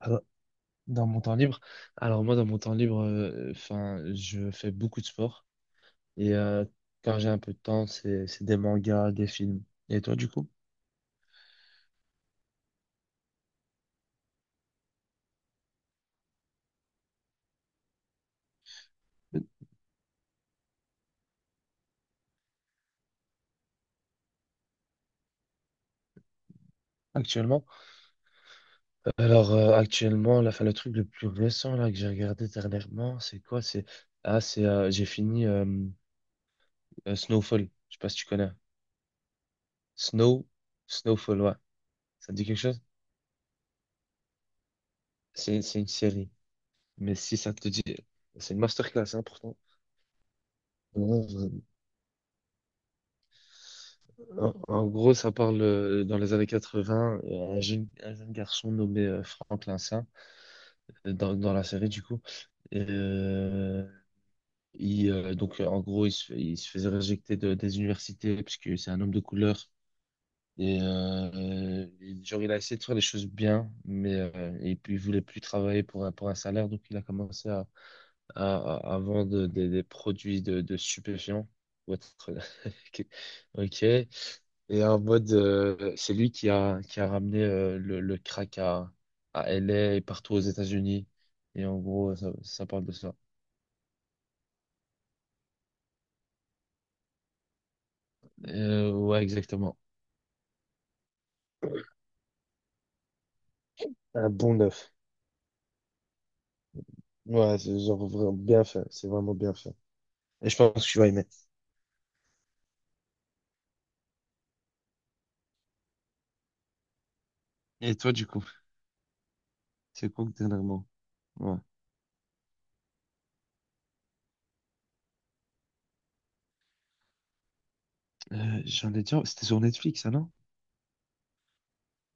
Alors, dans mon temps libre, alors moi dans mon temps libre, enfin, je fais beaucoup de sport et quand j'ai un peu de temps, c'est des mangas, des films. Et toi du coup, actuellement? Actuellement, là, 'fin, le truc le plus récent là que j'ai regardé dernièrement, c'est quoi? C'est ah c'est J'ai fini Snowfall. Je sais pas si tu connais. Snow Snowfall, ouais. Ça te dit quelque chose? C'est une série. Mais si ça te dit, c'est une masterclass hein, pourtant. En gros, ça parle dans les années 80, un jeune garçon nommé Franck Lincin, dans la série du coup. Et, euh, En gros, il se faisait réjecter des universités puisque c'est un homme de couleur. Et genre, il a essayé de faire les choses bien, et puis il voulait plus travailler pour, pour un salaire, donc il a commencé à vendre des produits de stupéfiants. pour être- Ok. Et en mode, c'est lui qui a ramené le crack à LA et partout aux États-Unis. Et en gros, ça parle de ça. Ouais, exactement. Un bon 9. Ouais, c'est genre vraiment bien fait. C'est vraiment bien fait. Et je pense que tu vas aimer. Et toi, du coup, c'est quoi que dernièrement? Ouais. J'en ai déjà, c'était sur Netflix, ça, non?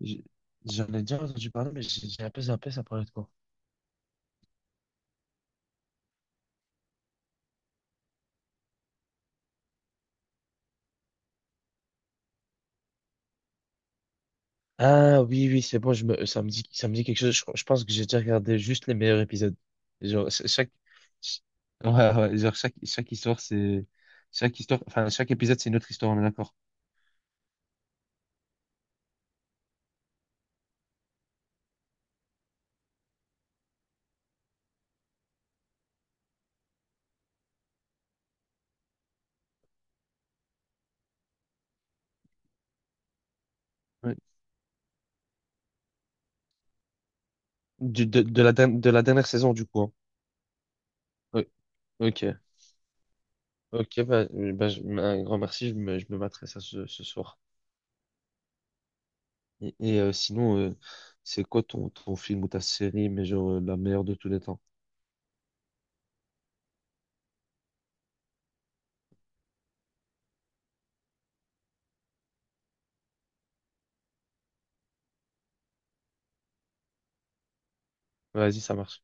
J'ai- J'en ai déjà entendu parler, mais j'ai un peu zappé, ça parlait de quoi? Ah oui, oui, c'est bon, ça me dit quelque chose. Je pense que j'ai déjà regardé juste les meilleurs épisodes. Genre, ch- ouais, ouais, genre chaque histoire, enfin, chaque épisode, c'est une autre histoire, on est d'accord. Ouais. De la dernière saison, du coup, hein. Ouais, ok, ok, bah, un grand merci, je me materai ça ce soir. Et, sinon, c'est quoi ton film ou ta série, mais genre la meilleure de tous les temps? Vas-y, ça marche.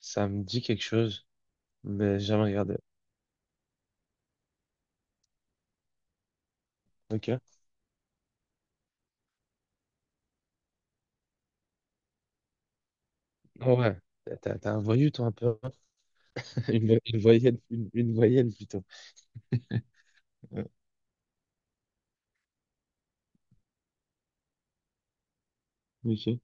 Ça me dit quelque chose, mais jamais regardé. Ok. Ouais, t'as un voyou, toi, un peu. Une, vo- une voyelle plutôt. Euh, Ok.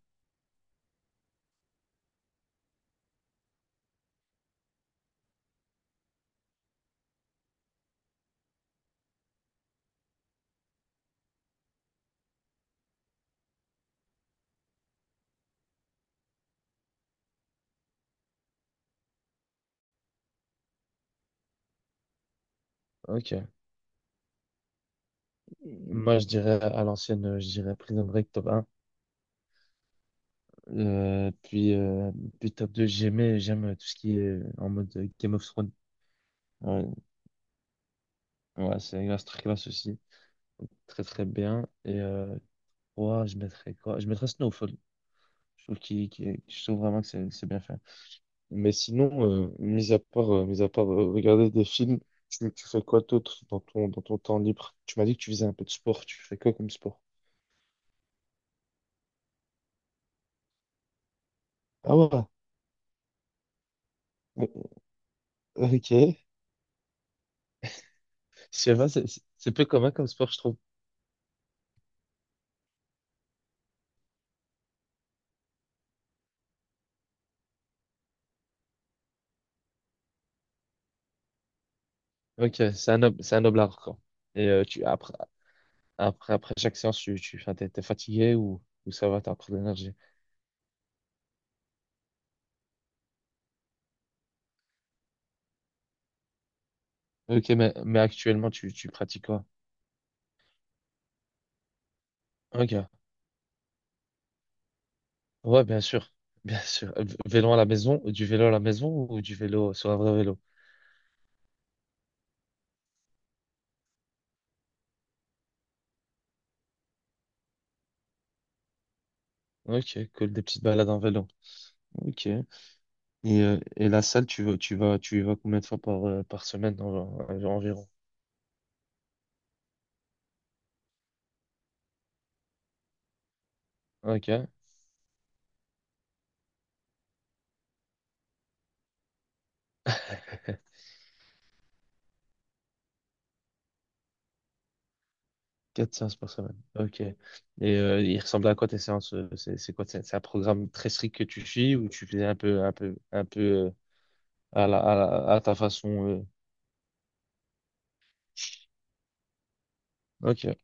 Ok. Moi, je dirais à l'ancienne, je dirais Prison Break top 1. Euh, puis, euh, puis top 2 j'aime tout ce qui est en mode Game of Thrones. Ouais, ouais, c'est grâce très classe aussi. Très, très bien. Et 3, je mettrais quoi? Je mettrais Snowfall. Je trouve vraiment que c'est bien fait. Mais sinon, mis à part regarder des films, tu fais quoi d'autre dans ton temps libre? Tu m'as dit que tu faisais un peu de sport. Tu fais quoi comme sport? Ah ouais. Bon, ok. Je pas, c'est c'est peu commun comme sport, je trouve. Ok, c'est un noble art, quoi. Et après chaque séance, t'es fatigué ou, ça va, t'as encore de l'énergie. Ok, mais actuellement, tu pratiques quoi? Ok. Ouais, bien sûr. Bien sûr. Vélo à la maison, du vélo à la maison ou du vélo sur un vrai vélo? Ok, cool, des petites balades en vélo. Ok. Et la salle, tu y vas combien de fois par semaine environ? Ok. 4 séances par semaine. Ok. Et il ressemble à quoi tes séances? C'est quoi? C'est un programme très strict que tu suis ou tu faisais un peu, à la, à ta façon? Ok.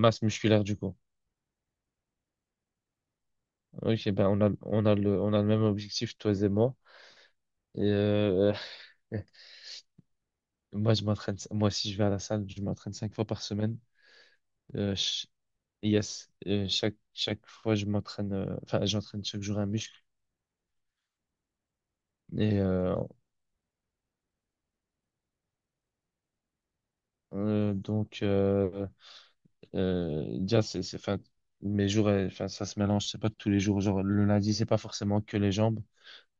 Masse musculaire du coup. Ok, ben on a le même objectif, toi et moi. Et moi, je m'entraîne. Si je vais à la salle, je m'entraîne 5 fois par semaine. Euh, Yes, et chaque fois je m'entraîne, enfin j'entraîne chaque jour un muscle. Et euh, euh, donc, euh, Déjà, enfin, mes jours, enfin, ça se mélange, c'est pas tous les jours. Genre, le lundi, c'est pas forcément que les jambes.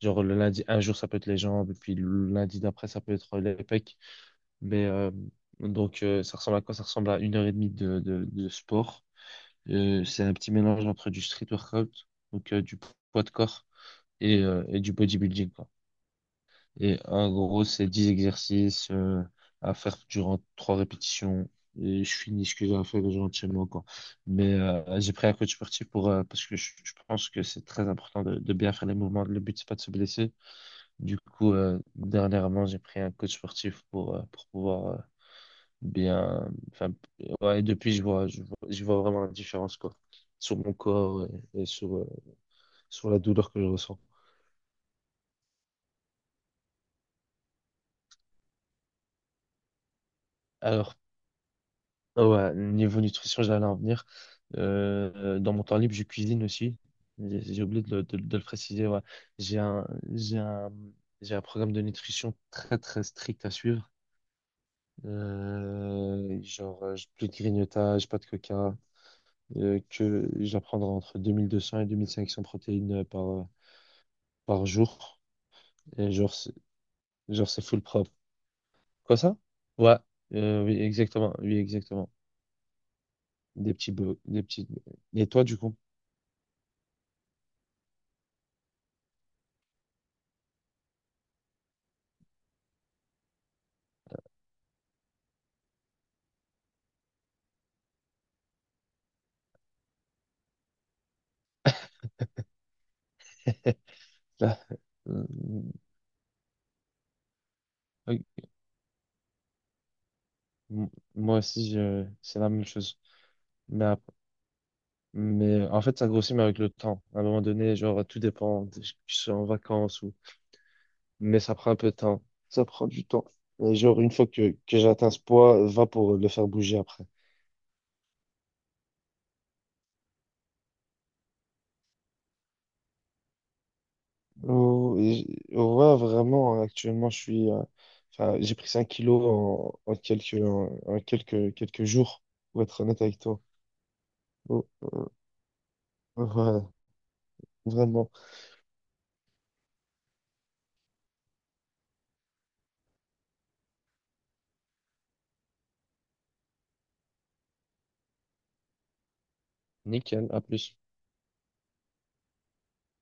Genre, le lundi, un jour, ça peut être les jambes, et puis le lundi d'après, ça peut être les pecs. Mais donc, ça ressemble à quoi? Ça ressemble à 1 h 30 de sport. C'est un petit mélange entre du street workout, donc du poids de corps, et du bodybuilding, quoi. Et en gros, c'est 10 exercices à faire durant 3 répétitions. Et je finis ce que j'ai à faire gentiment, quoi. Mais j'ai pris un coach sportif parce que je pense que c'est très important de bien faire les mouvements. Le but, c'est pas de se blesser. Du coup, dernièrement, j'ai pris un coach sportif pour pouvoir bien. Enfin, ouais, et depuis, je vois vraiment la différence, quoi, sur mon corps et sur la douleur que je ressens. Alors, ah ouais, niveau nutrition, j'allais en venir. Dans mon temps libre, je cuisine aussi. J'ai oublié de le préciser. Ouais. J'ai un, j'ai un, j'ai un programme de nutrition très très strict à suivre. Genre, plus de grignotage, pas de coca. Que j'apprendrai entre 2 200 et 2 500 protéines par jour. Et genre, genre, c'est full propre. Quoi ça? Ouais, oui, exactement. Oui, exactement. Des petits, des petits. Et toi, du coup? Là, euh, oui, m- moi aussi, c'est la même chose. Mais, ap- mais en fait, ça grossit, mais avec le temps. À un moment donné, genre, tout dépend. Je suis en vacances ou. Mais ça prend un peu de temps. Ça prend du temps. Et genre, une fois que j'atteins ce poids, va pour le faire bouger après. Oh, et ouais, vraiment, actuellement, je suis. Enfin, j'ai pris 5 kilos en quelques jours, pour être honnête avec toi. Oh, ouais, vraiment. Nickel, à plus.